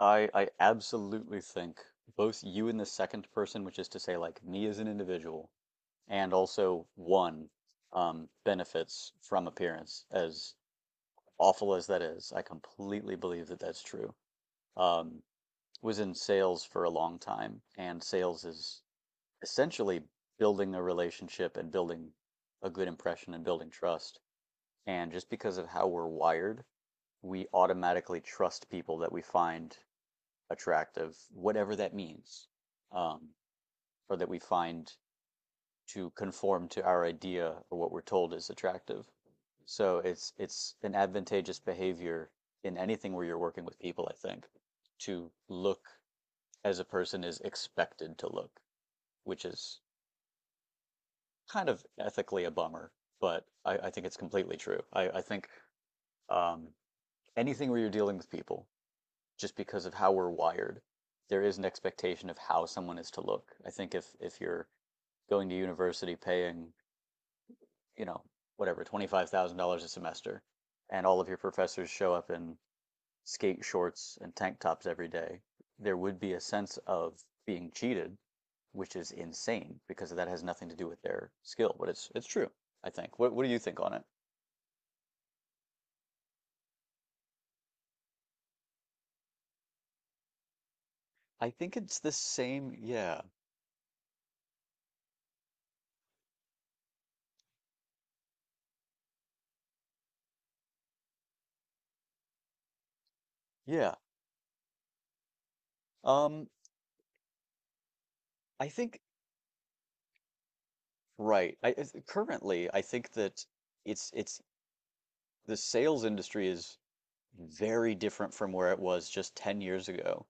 I absolutely think both you in the second person, which is to say like me as an individual, and also one benefits from appearance, as awful as that is. I completely believe that that's true. Um, was in sales for a long time, and sales is essentially building a relationship and building a good impression and building trust. And just because of how we're wired, we automatically trust people that we find attractive, whatever that means, um, or that we find to conform to our idea or what we're told is attractive. So it's an advantageous behavior in anything where you're working with people, I think, to look as a person is expected to look, which is kind of ethically a bummer, but I think it's completely true. I think um, anything where you're dealing with people, just because of how we're wired. There is an expectation of how someone is to look. I think if you're going to university paying, you know, whatever, $25,000 a semester and all of your professors show up in skate shorts and tank tops every day, there would be a sense of being cheated, which is insane because that has nothing to do with their skill, but it's true, I think. What do you think on it? I think it's the same. Yeah. Yeah. Um, I think Right. It's- currently, I think that it's the sales industry is very different from where it was just 10 years ago.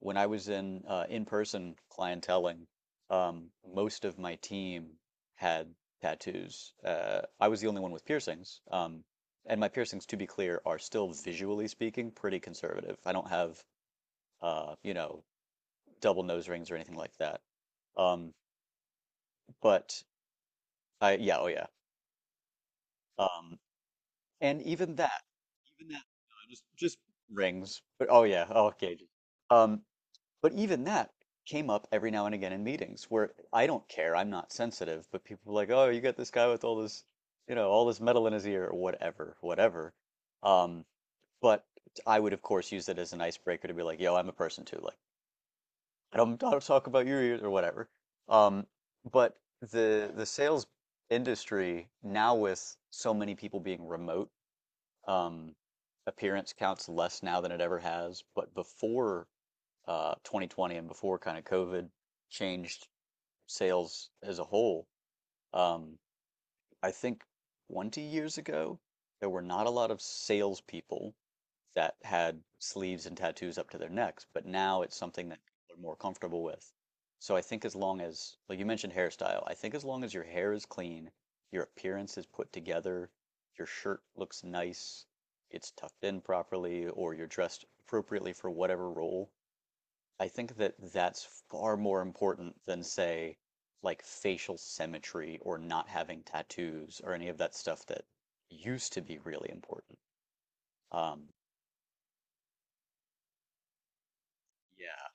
When I was in in-person clienteling, most of my team had tattoos. I was the only one with piercings. And my piercings, to be clear, are still visually speaking pretty conservative. I don't have you know, double nose rings or anything like that. Um, but I yeah, oh yeah. Um, And even that, just rings. But oh yeah, oh, okay. Um, but even that came up every now and again in meetings where I don't care, I'm not sensitive, but people were like, oh, you got this guy with all this, you know, all this metal in his ear, or whatever, whatever. Um, but I would of course use it as an icebreaker to be like, yo, I'm a person too. Like, I don't talk about your ears or whatever. Um, but The sales industry now with so many people being remote, um, appearance counts less now than it ever has. But before 2020 and before kind of COVID changed sales as a whole, um, I think 20 years ago, there were not a lot of salespeople that had sleeves and tattoos up to their necks, but now it's something that people are more comfortable with. So I think as long as, like you mentioned, hairstyle, I think as long as your hair is clean, your appearance is put together, your shirt looks nice, it's tucked in properly, or you're dressed appropriately for whatever role, I think that that's far more important than, say, like facial symmetry or not having tattoos or any of that stuff that used to be really important. Um, yeah,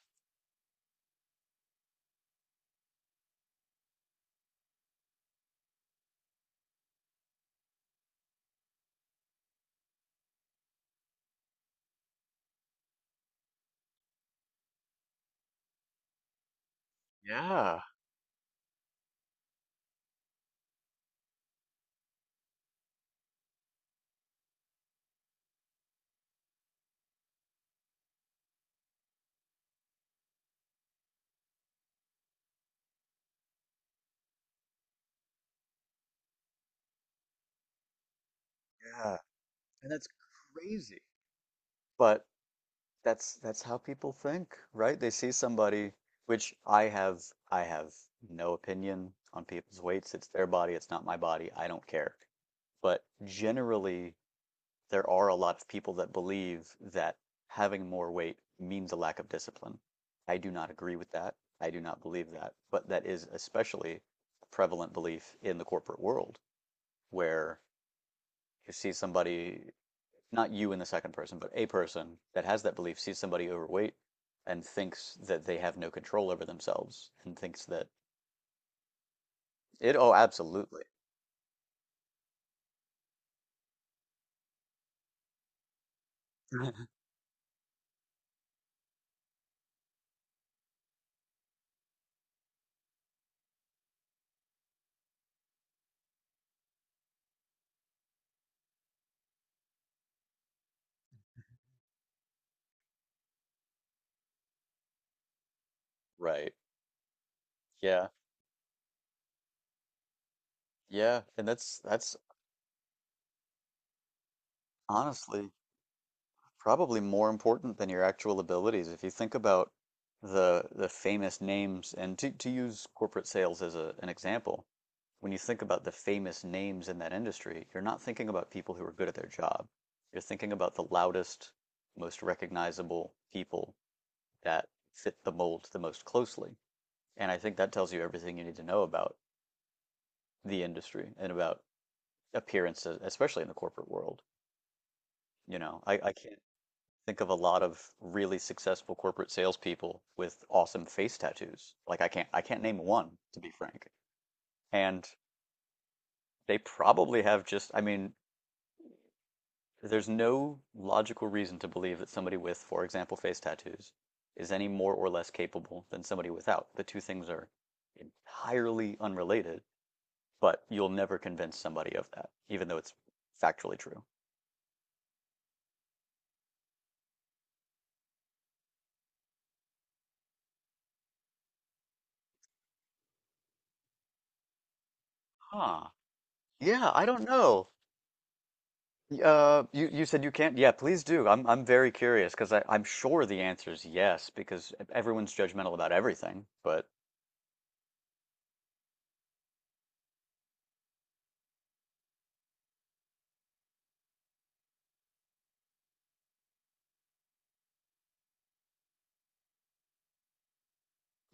Yeah. Yeah, and that's crazy. But that's how people think, right? They see somebody, which I have no opinion on people's weights. It's their body, it's not my body. I don't care. But generally, there are a lot of people that believe that having more weight means a lack of discipline. I do not agree with that. I do not believe that. But that is especially a prevalent belief in the corporate world where you see somebody, not you in the second person, but a person that has that belief sees somebody overweight and thinks that they have no control over themselves and thinks that it, oh, absolutely. Right. Yeah. Yeah. And that's honestly probably more important than your actual abilities. If you think about the famous names, and to use corporate sales as an example, when you think about the famous names in that industry, you're not thinking about people who are good at their job. You're thinking about the loudest, most recognizable people that fit the mold the most closely. And I think that tells you everything you need to know about the industry and about appearances, especially in the corporate world. You know, I can't think of a lot of really successful corporate salespeople with awesome face tattoos. Like I can't name one, to be frank. And they probably have just I mean, there's no logical reason to believe that somebody with, for example, face tattoos is any more or less capable than somebody without. The two things are entirely unrelated, but you'll never convince somebody of that, even though it's factually true. Huh. Yeah, I don't know. You said you can't. Yeah, please do. I'm very curious because I'm sure the answer is yes because everyone's judgmental about everything. But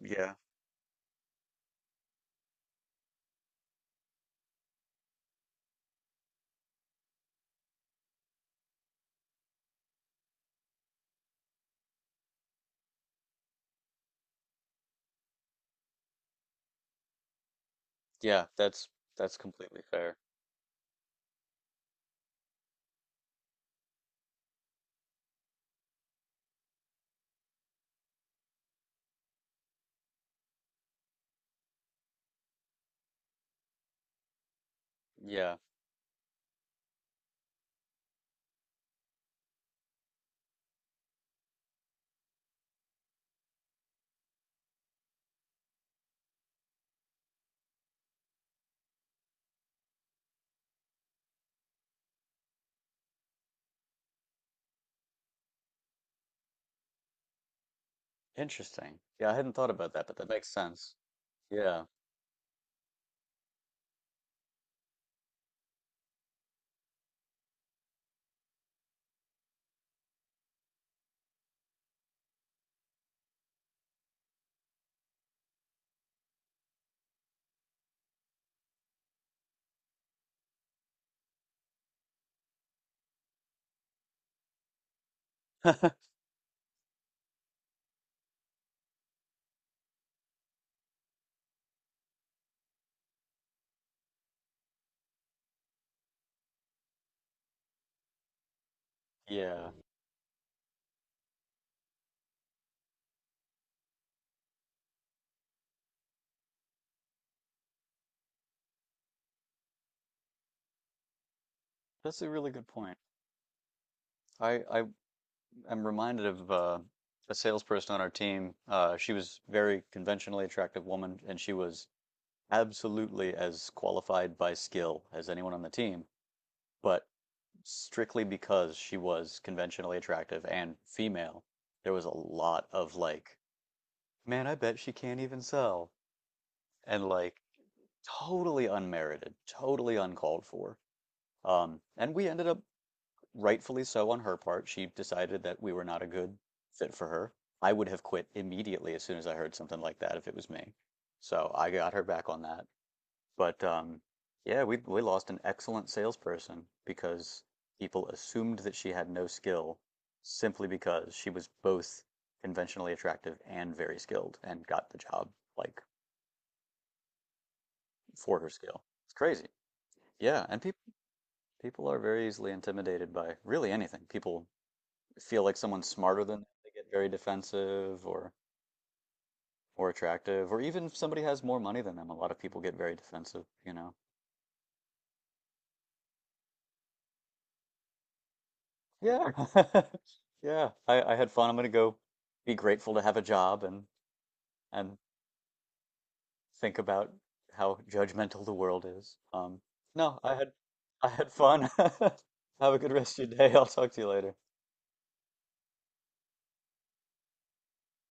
yeah, yeah, that's completely fair. Yeah, interesting. Yeah, I hadn't thought about that, but that makes sense. Yeah, yeah, that's a really good point. I am reminded of a salesperson on our team. She was very conventionally attractive woman, and she was absolutely as qualified by skill as anyone on the team. But strictly because she was conventionally attractive and female, there was a lot of like, man, I bet she can't even sell. And like totally unmerited, totally uncalled for. And we ended up rightfully so on her part. She decided that we were not a good fit for her. I would have quit immediately as soon as I heard something like that if it was me. So I got her back on that. But yeah, we lost an excellent salesperson because people assumed that she had no skill simply because she was both conventionally attractive and very skilled and got the job like for her skill. It's crazy. Yeah, and people are very easily intimidated by really anything. People feel like someone's smarter than them. They get very defensive or more attractive, or even if somebody has more money than them, a lot of people get very defensive, you know. Yeah. Yeah. I had fun. I'm gonna go be grateful to have a job and and think about how judgmental the world is. No, I had fun. Have a good rest of your day. I'll talk to you later.